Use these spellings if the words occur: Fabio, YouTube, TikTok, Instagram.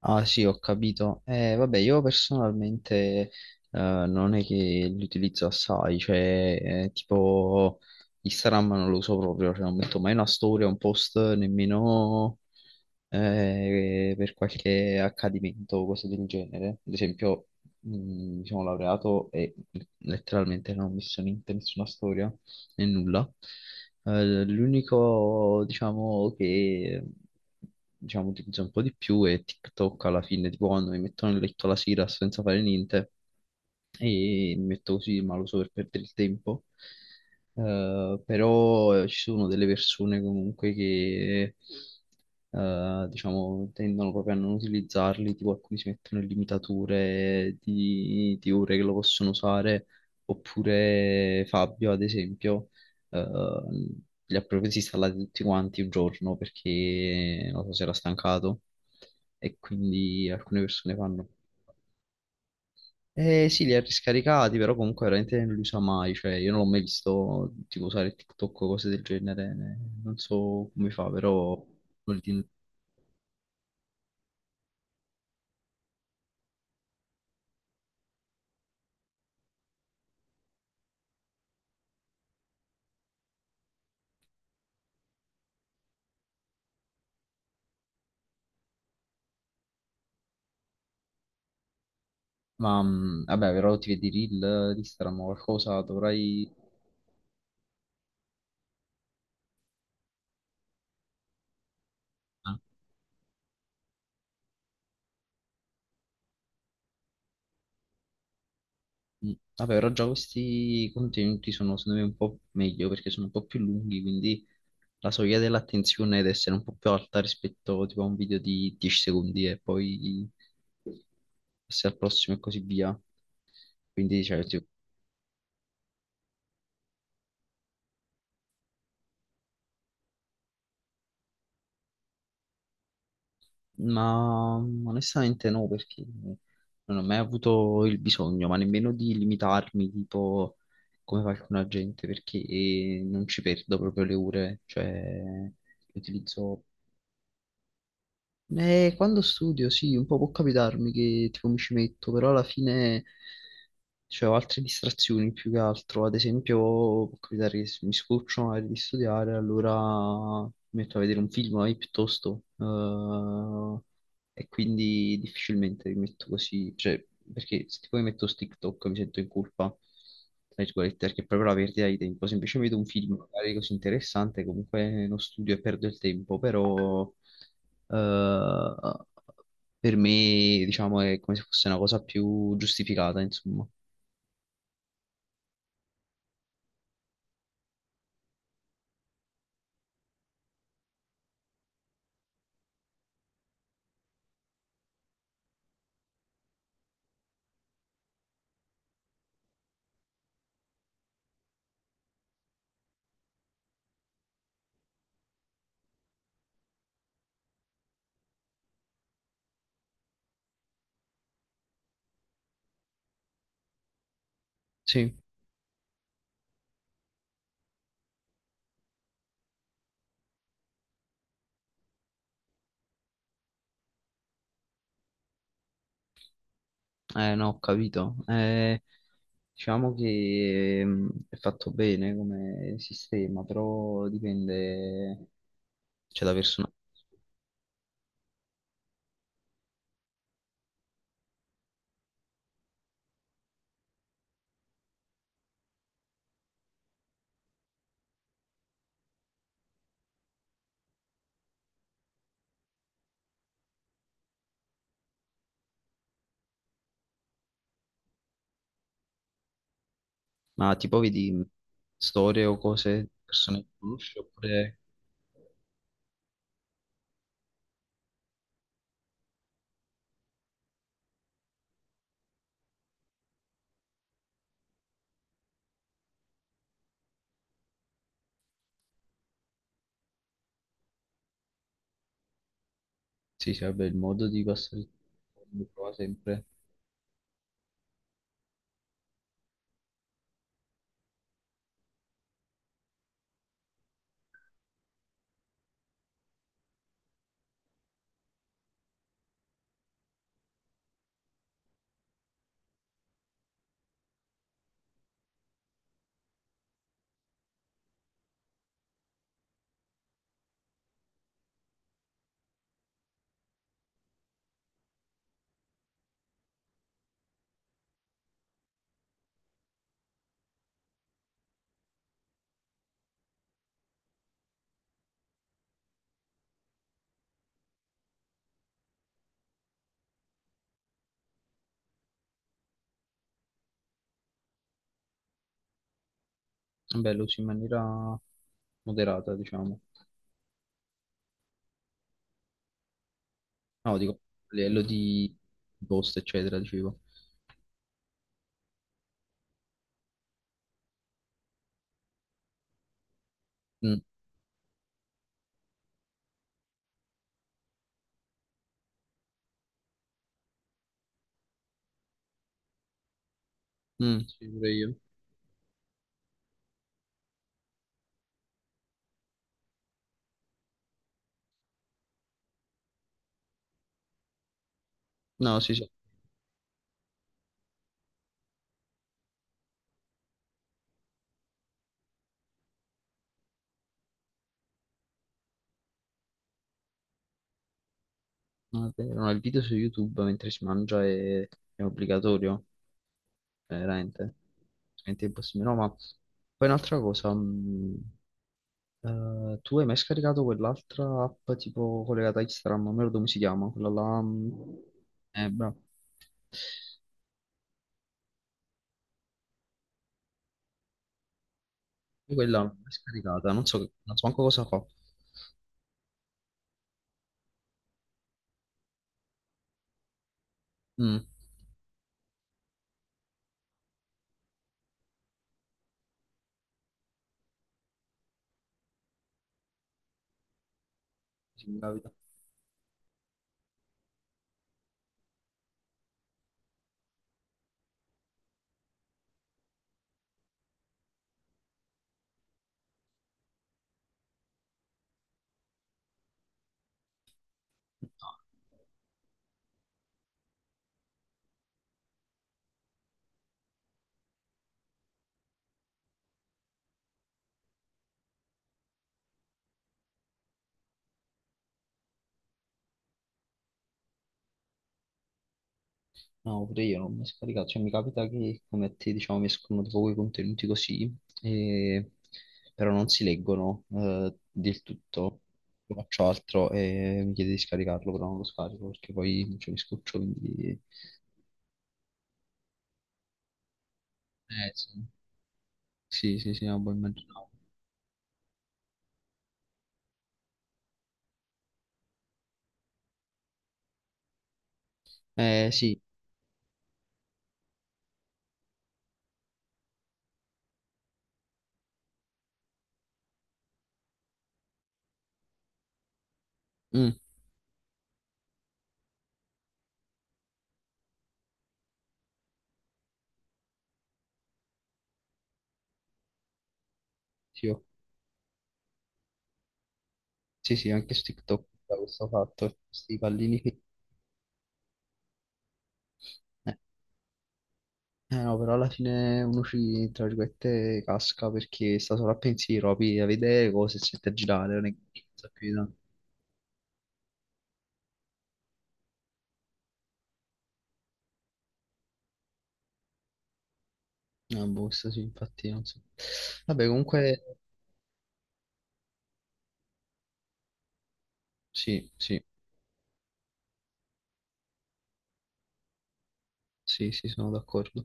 Ah sì, ho capito. Vabbè, io personalmente eh, non è che li utilizzo assai, cioè tipo Instagram non lo uso proprio, cioè non metto mai una storia, un post, nemmeno per qualche accadimento o cose del genere. Ad esempio, mi sono laureato e letteralmente non ho messo niente, nessuna storia né nulla. L'unico, diciamo, che utilizzo un po' di più è TikTok alla fine, tipo quando mi metto nel letto la sera senza fare niente e mi metto così, ma lo so per perdere il tempo. Però ci sono delle persone comunque che diciamo tendono proprio a non utilizzarli, tipo alcuni si mettono limitature di ore che lo possono usare, oppure Fabio, ad esempio, eh, li ha proprio disinstallati tutti quanti un giorno perché non so se era stancato e quindi alcune persone fanno. Eh sì, li ha riscaricati, però comunque veramente non li usa mai, cioè io non l'ho mai visto tipo usare TikTok o cose del genere, non so come fa, però... vuol dire- Ma vabbè, però ti vedi i reel di Instagram o qualcosa, dovrai... ah. Vabbè, però già questi contenuti sono secondo me un po' meglio perché sono un po' più lunghi, quindi la soglia dell'attenzione deve essere un po' più alta rispetto tipo a un video di 10 secondi e poi passi al prossimo e così via. Quindi, cioè, ti- Ma onestamente no, perché non ho mai avuto il bisogno, ma nemmeno di limitarmi, tipo come fa alcuna gente, perché non ci perdo proprio le ore, cioè le utilizzo. Quando studio, sì, un po' può capitarmi che tipo mi ci metto, però alla fine. Cioè, ho altre distrazioni più che altro. Ad esempio, può capitare che mi scoccio magari di studiare, allora mi metto a vedere un film magari piuttosto. E quindi difficilmente mi metto così. Cioè, perché se tipo mi metto su TikTok mi sento in colpa, tra virgolette, perché è proprio la perdita di tempo. Se invece vedo un film magari così interessante, comunque non studio e perdo il tempo, però eh, per me, diciamo, è come se fosse una cosa più giustificata, insomma. Sì, no, ho capito. Diciamo che è fatto bene come sistema, però dipende, cioè, da persona. Ma tipo vedi storie o cose, persone che conosci, oppure sì, sì, vabbè, il modo di passare il tempo lo trova sempre. Vabbè, lo usi in maniera moderata, diciamo. No, dico, a livello di post, eccetera, dicevo. Mm, mm, sì, pure io. No, sì, sì. No, è vero, no, il video su YouTube mentre si mangia è obbligatorio, veramente. Veramente impossibile. No, ma poi un'altra cosa, tu hai mai scaricato quell'altra app tipo collegata a Instagram, non mi ricordo come si chiama, quella là... bravo. Io quella l'ho mai scaricata, non so, non so manco cosa fa. Mm. No, pure io non mi scaricato, cioè mi capita che come a te diciamo mi escono tipo quei contenuti così, e- però non si leggono del tutto. Io faccio altro e mi chiede di scaricarlo, però non lo scarico perché poi cioè, mi scoccio, quindi... Eh sì, sì, sì, sì, no, poi immaginavo. Eh sì, mm, sì, oh. Sì, sì, anche su TikTok da questo fatto, questi pallini qui. Eh. Eh no, però alla fine uno ci, tra virgolette, casca perché sta solo a pensiero, a vedere cose e sente a girare, non è che sa più di tanto. Ah, boh, questo sì, infatti, non so. Vabbè, comunque, sì, sì, sì, sì, sono d'accordo.